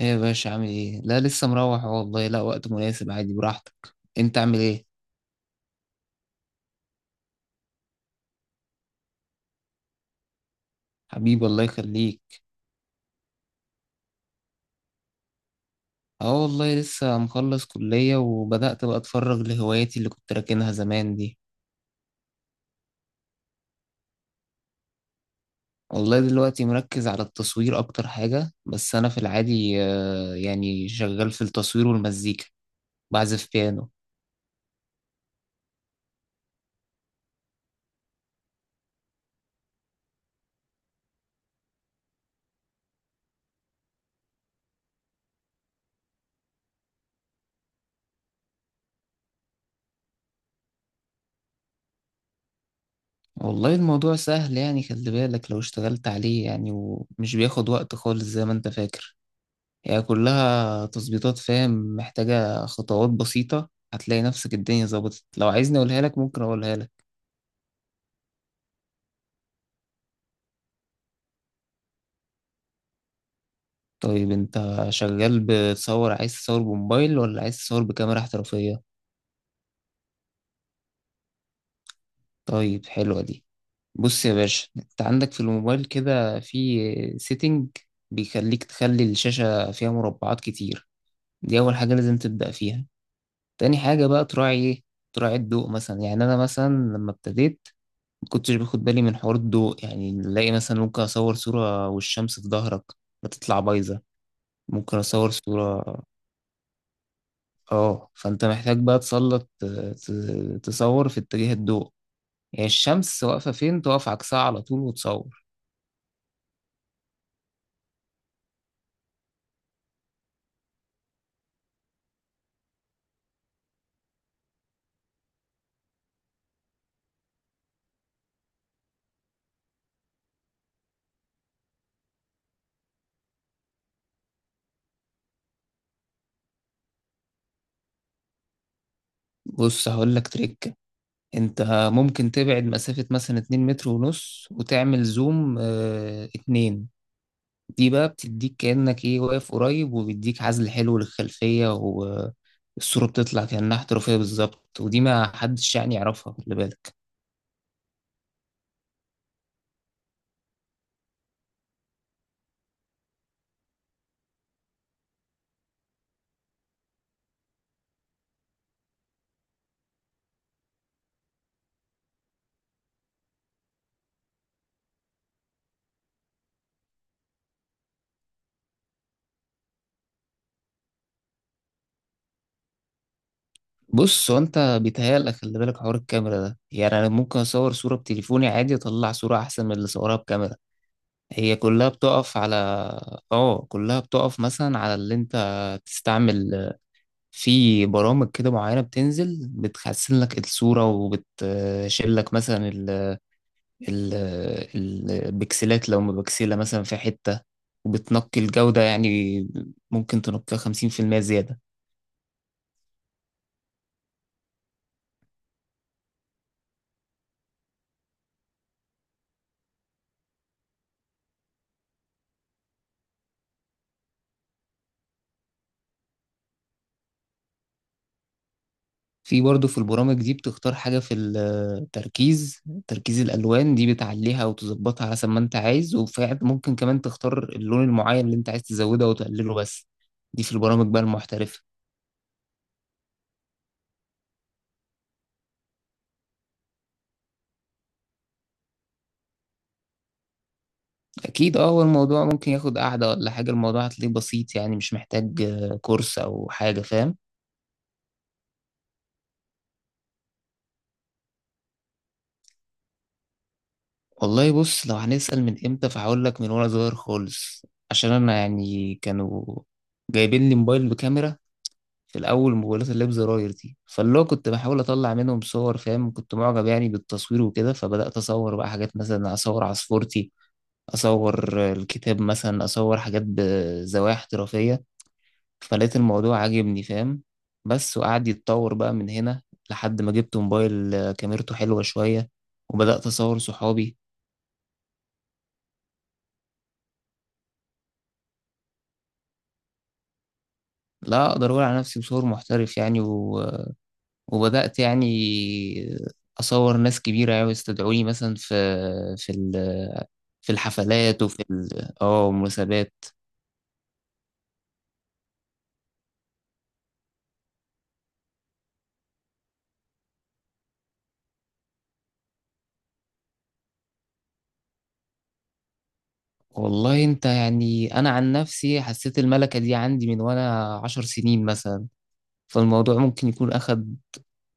ايه يا باشا عامل ايه؟ لا لسه مروح أهو، والله لا وقت مناسب، عادي براحتك. انت عامل ايه؟ حبيبي الله يخليك. اه والله لسه مخلص كلية وبدأت بقى اتفرغ لهواياتي اللي كنت راكنها زمان دي. والله دلوقتي مركز على التصوير اكتر حاجة. بس انا في العادي يعني شغال في التصوير والمزيكا، بعزف بيانو. والله الموضوع سهل، يعني خلي بالك لو اشتغلت عليه، يعني ومش بياخد وقت خالص زي ما انت فاكر. هي كلها تظبيطات، فاهم؟ محتاجة خطوات بسيطة، هتلاقي نفسك الدنيا ظبطت. لو عايزني أقولها لك ممكن أقولها لك. طيب أنت شغال بتصور، عايز تصور بموبايل ولا عايز تصور بكاميرا احترافية؟ طيب حلوة دي. بص يا باشا، أنت عندك في الموبايل كده في سيتنج بيخليك تخلي الشاشة فيها مربعات كتير. دي أول حاجة لازم تبدأ فيها. تاني حاجة بقى تراعي إيه؟ تراعي الضوء. مثلا يعني أنا مثلا لما ابتديت ما كنتش باخد بالي من حوار الضوء. يعني نلاقي مثلا ممكن اصور صورة والشمس في ظهرك، بتطلع بايظة. ممكن اصور صورة. اه فانت محتاج بقى تسلط، تصور في اتجاه الضوء، يعني الشمس واقفة فين تقف عكسها على طول وتصور. بص هقول لك تريكة. انت ممكن تبعد مسافة مثلا 2 متر ونص وتعمل زوم 2. دي بقى بتديك كأنك ايه واقف قريب، وبيديك عزل حلو للخلفية، والصورة بتطلع كأنها احترافية بالظبط. ودي ما حدش يعني يعرفها، خلي بالك. بص هو انت بيتهيألك، خلي بالك حوار الكاميرا ده، يعني انا ممكن اصور صورة بتليفوني عادي اطلع صورة احسن من اللي صورها بكاميرا. هي كلها بتقف على، اه كلها بتقف مثلا على اللي انت تستعمل. في برامج كده معينة بتنزل، بتحسن لك الصورة، وبتشيل لك مثلا البكسلات لو مبكسلة مثلا في حتة، وبتنقي الجودة يعني. ممكن تنقيها 50% زيادة. في برضه في البرامج دي بتختار حاجة في التركيز، تركيز الألوان. دي بتعليها وتظبطها حسب ما أنت عايز، وفعلا ممكن كمان تختار اللون المعين اللي أنت عايز تزوده أو تقلله. بس دي في البرامج بقى المحترفة. أكيد. أه هو الموضوع ممكن ياخد قعدة ولا حاجة، الموضوع هتلاقيه بسيط يعني، مش محتاج كورس أو حاجة، فاهم؟ والله بص، لو هنسأل من امتى فهقول لك من وانا صغير خالص. عشان انا يعني كانوا جايبين لي موبايل بكاميرا في الاول، موبايلات اللي بزراير دي، فاللي هو كنت بحاول اطلع منهم صور، فاهم؟ كنت معجب يعني بالتصوير وكده. فبدأت اصور بقى حاجات، مثلا اصور عصفورتي، اصور الكتاب مثلا، اصور حاجات بزوايا احترافية. فلقيت الموضوع عاجبني، فاهم؟ بس وقعد يتطور بقى من هنا لحد ما جبت موبايل كاميرته حلوة شوية، وبدأت أصور صحابي. لا اقدر اقول على نفسي بصور محترف يعني، و... وبدات يعني اصور ناس كبيره، يعني يستدعوني مثلا في في الحفلات وفي ال... اه مناسبات. والله انت يعني، انا عن نفسي حسيت الملكه دي عندي من وانا 10 سنين مثلا. فالموضوع ممكن يكون اخد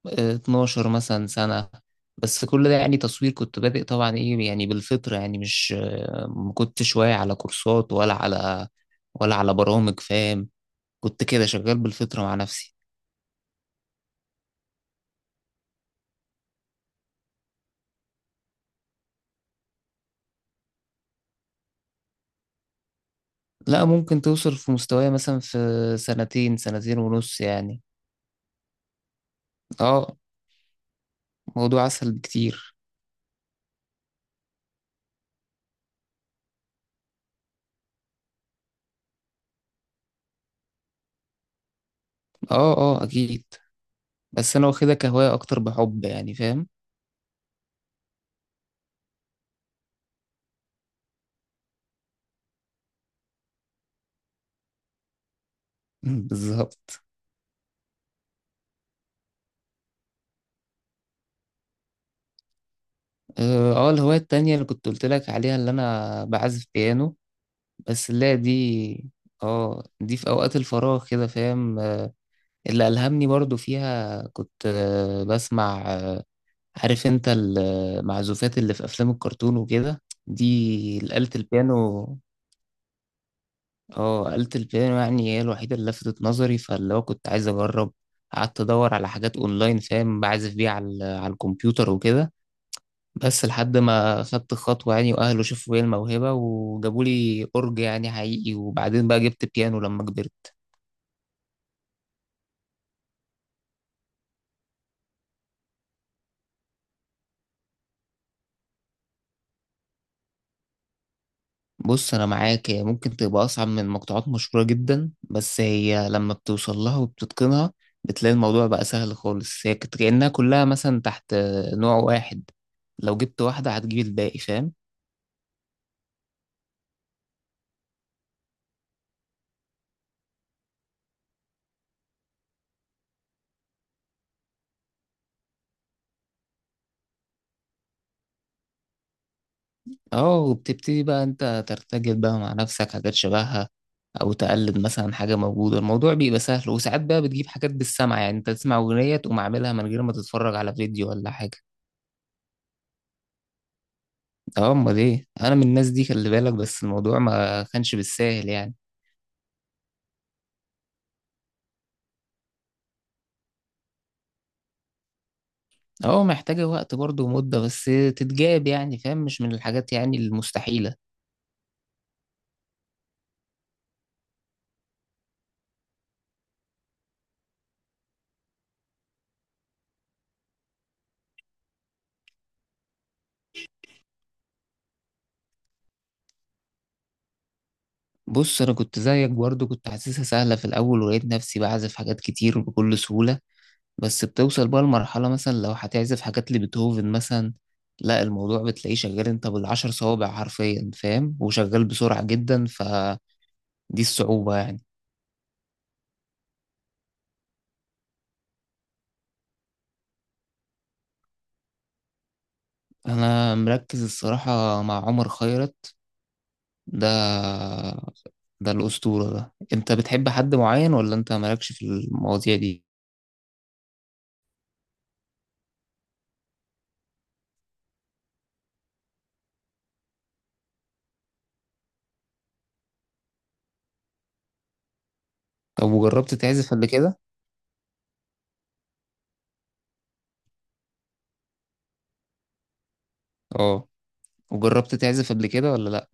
12 مثلا سنه. بس كل ده يعني تصوير كنت بادئ طبعا ايه يعني بالفطره، يعني مش ما كنتش واعي على كورسات، ولا على برامج، فاهم؟ كنت كده شغال بالفطرة مع نفسي. لا ممكن توصل في مستواي مثلا في 2 سنين، 2 سنين ونص يعني. اه موضوع أسهل بكتير. اه اه أكيد. بس أنا واخدها كهواية أكتر، بحب يعني، فاهم؟ بالظبط. اه الهواية التانية اللي كنت قلت لك عليها، اللي أنا بعزف بيانو. بس لا دي. اه دي في أوقات الفراغ كده، فاهم؟ اللي ألهمني برضو فيها، كنت بسمع، عارف انت المعزوفات اللي في افلام الكرتون وكده، دي آلة البيانو. اه آلة البيانو يعني هي الوحيدة اللي لفتت نظري، فاللي هو كنت عايز اجرب. قعدت ادور على حاجات اونلاين، فاهم؟ بعزف بيها على على الكمبيوتر وكده. بس لحد ما خدت خطوة يعني، واهله شافوا فيا الموهبة وجابوا لي اورج يعني حقيقي، وبعدين بقى جبت بيانو لما كبرت. بص انا معاك، هي ممكن تبقى اصعب من مقطوعات مشهوره جدا، بس هي لما بتوصل لها وبتتقنها بتلاقي الموضوع بقى سهل خالص. هي كأنها كلها مثلا تحت نوع واحد، لو جبت واحده هتجيب الباقي، فاهم؟ اه وبتبتدي بقى انت ترتجل بقى مع نفسك حاجات شبهها، او تقلد مثلا حاجه موجوده. الموضوع بيبقى سهل، وساعات بقى بتجيب حاجات بالسمع، يعني انت تسمع اغنيه تقوم عاملها من غير ما تتفرج على فيديو ولا حاجه. اه امال ايه، انا من الناس دي، خلي بالك. بس الموضوع ما كانش بالساهل يعني. اه محتاجة وقت برضه ومدة بس تتجاب يعني، فاهم؟ مش من الحاجات يعني المستحيلة. بص أنا كنت زيك برضه، كنت حاسسها سهلة في الأول، ولقيت نفسي بعزف حاجات كتير وبكل سهولة. بس بتوصل بقى لمرحلة، مثلا لو هتعزف حاجات لبيتهوفن مثلا، لا الموضوع بتلاقيه شغال انت بالعشر صوابع حرفيا، فاهم؟ وشغال بسرعة جدا. فدي الصعوبة يعني. أنا مركز الصراحة مع عمر خيرت. ده ده الأسطورة. ده أنت بتحب حد معين ولا أنت مالكش في المواضيع دي؟ طب وجربت تعزف قبل كده؟ اه وجربت تعزف قبل كده ولا لأ؟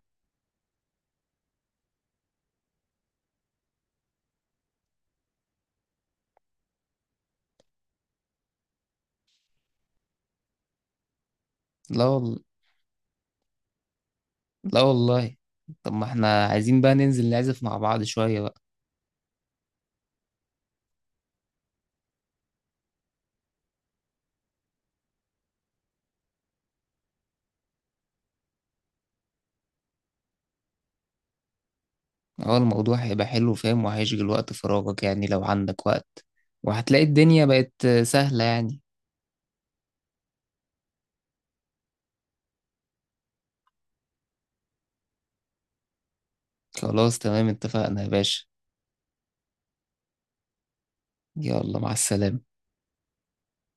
لا والله. لا والله. طب ما احنا عايزين بقى ننزل نعزف مع بعض شوية بقى. اه الموضوع هيبقى حلو، فاهم؟ وهيشغل وقت فراغك يعني لو عندك وقت، وهتلاقي الدنيا بقت سهلة يعني. خلاص تمام، اتفقنا يا باشا. يلا مع السلامة.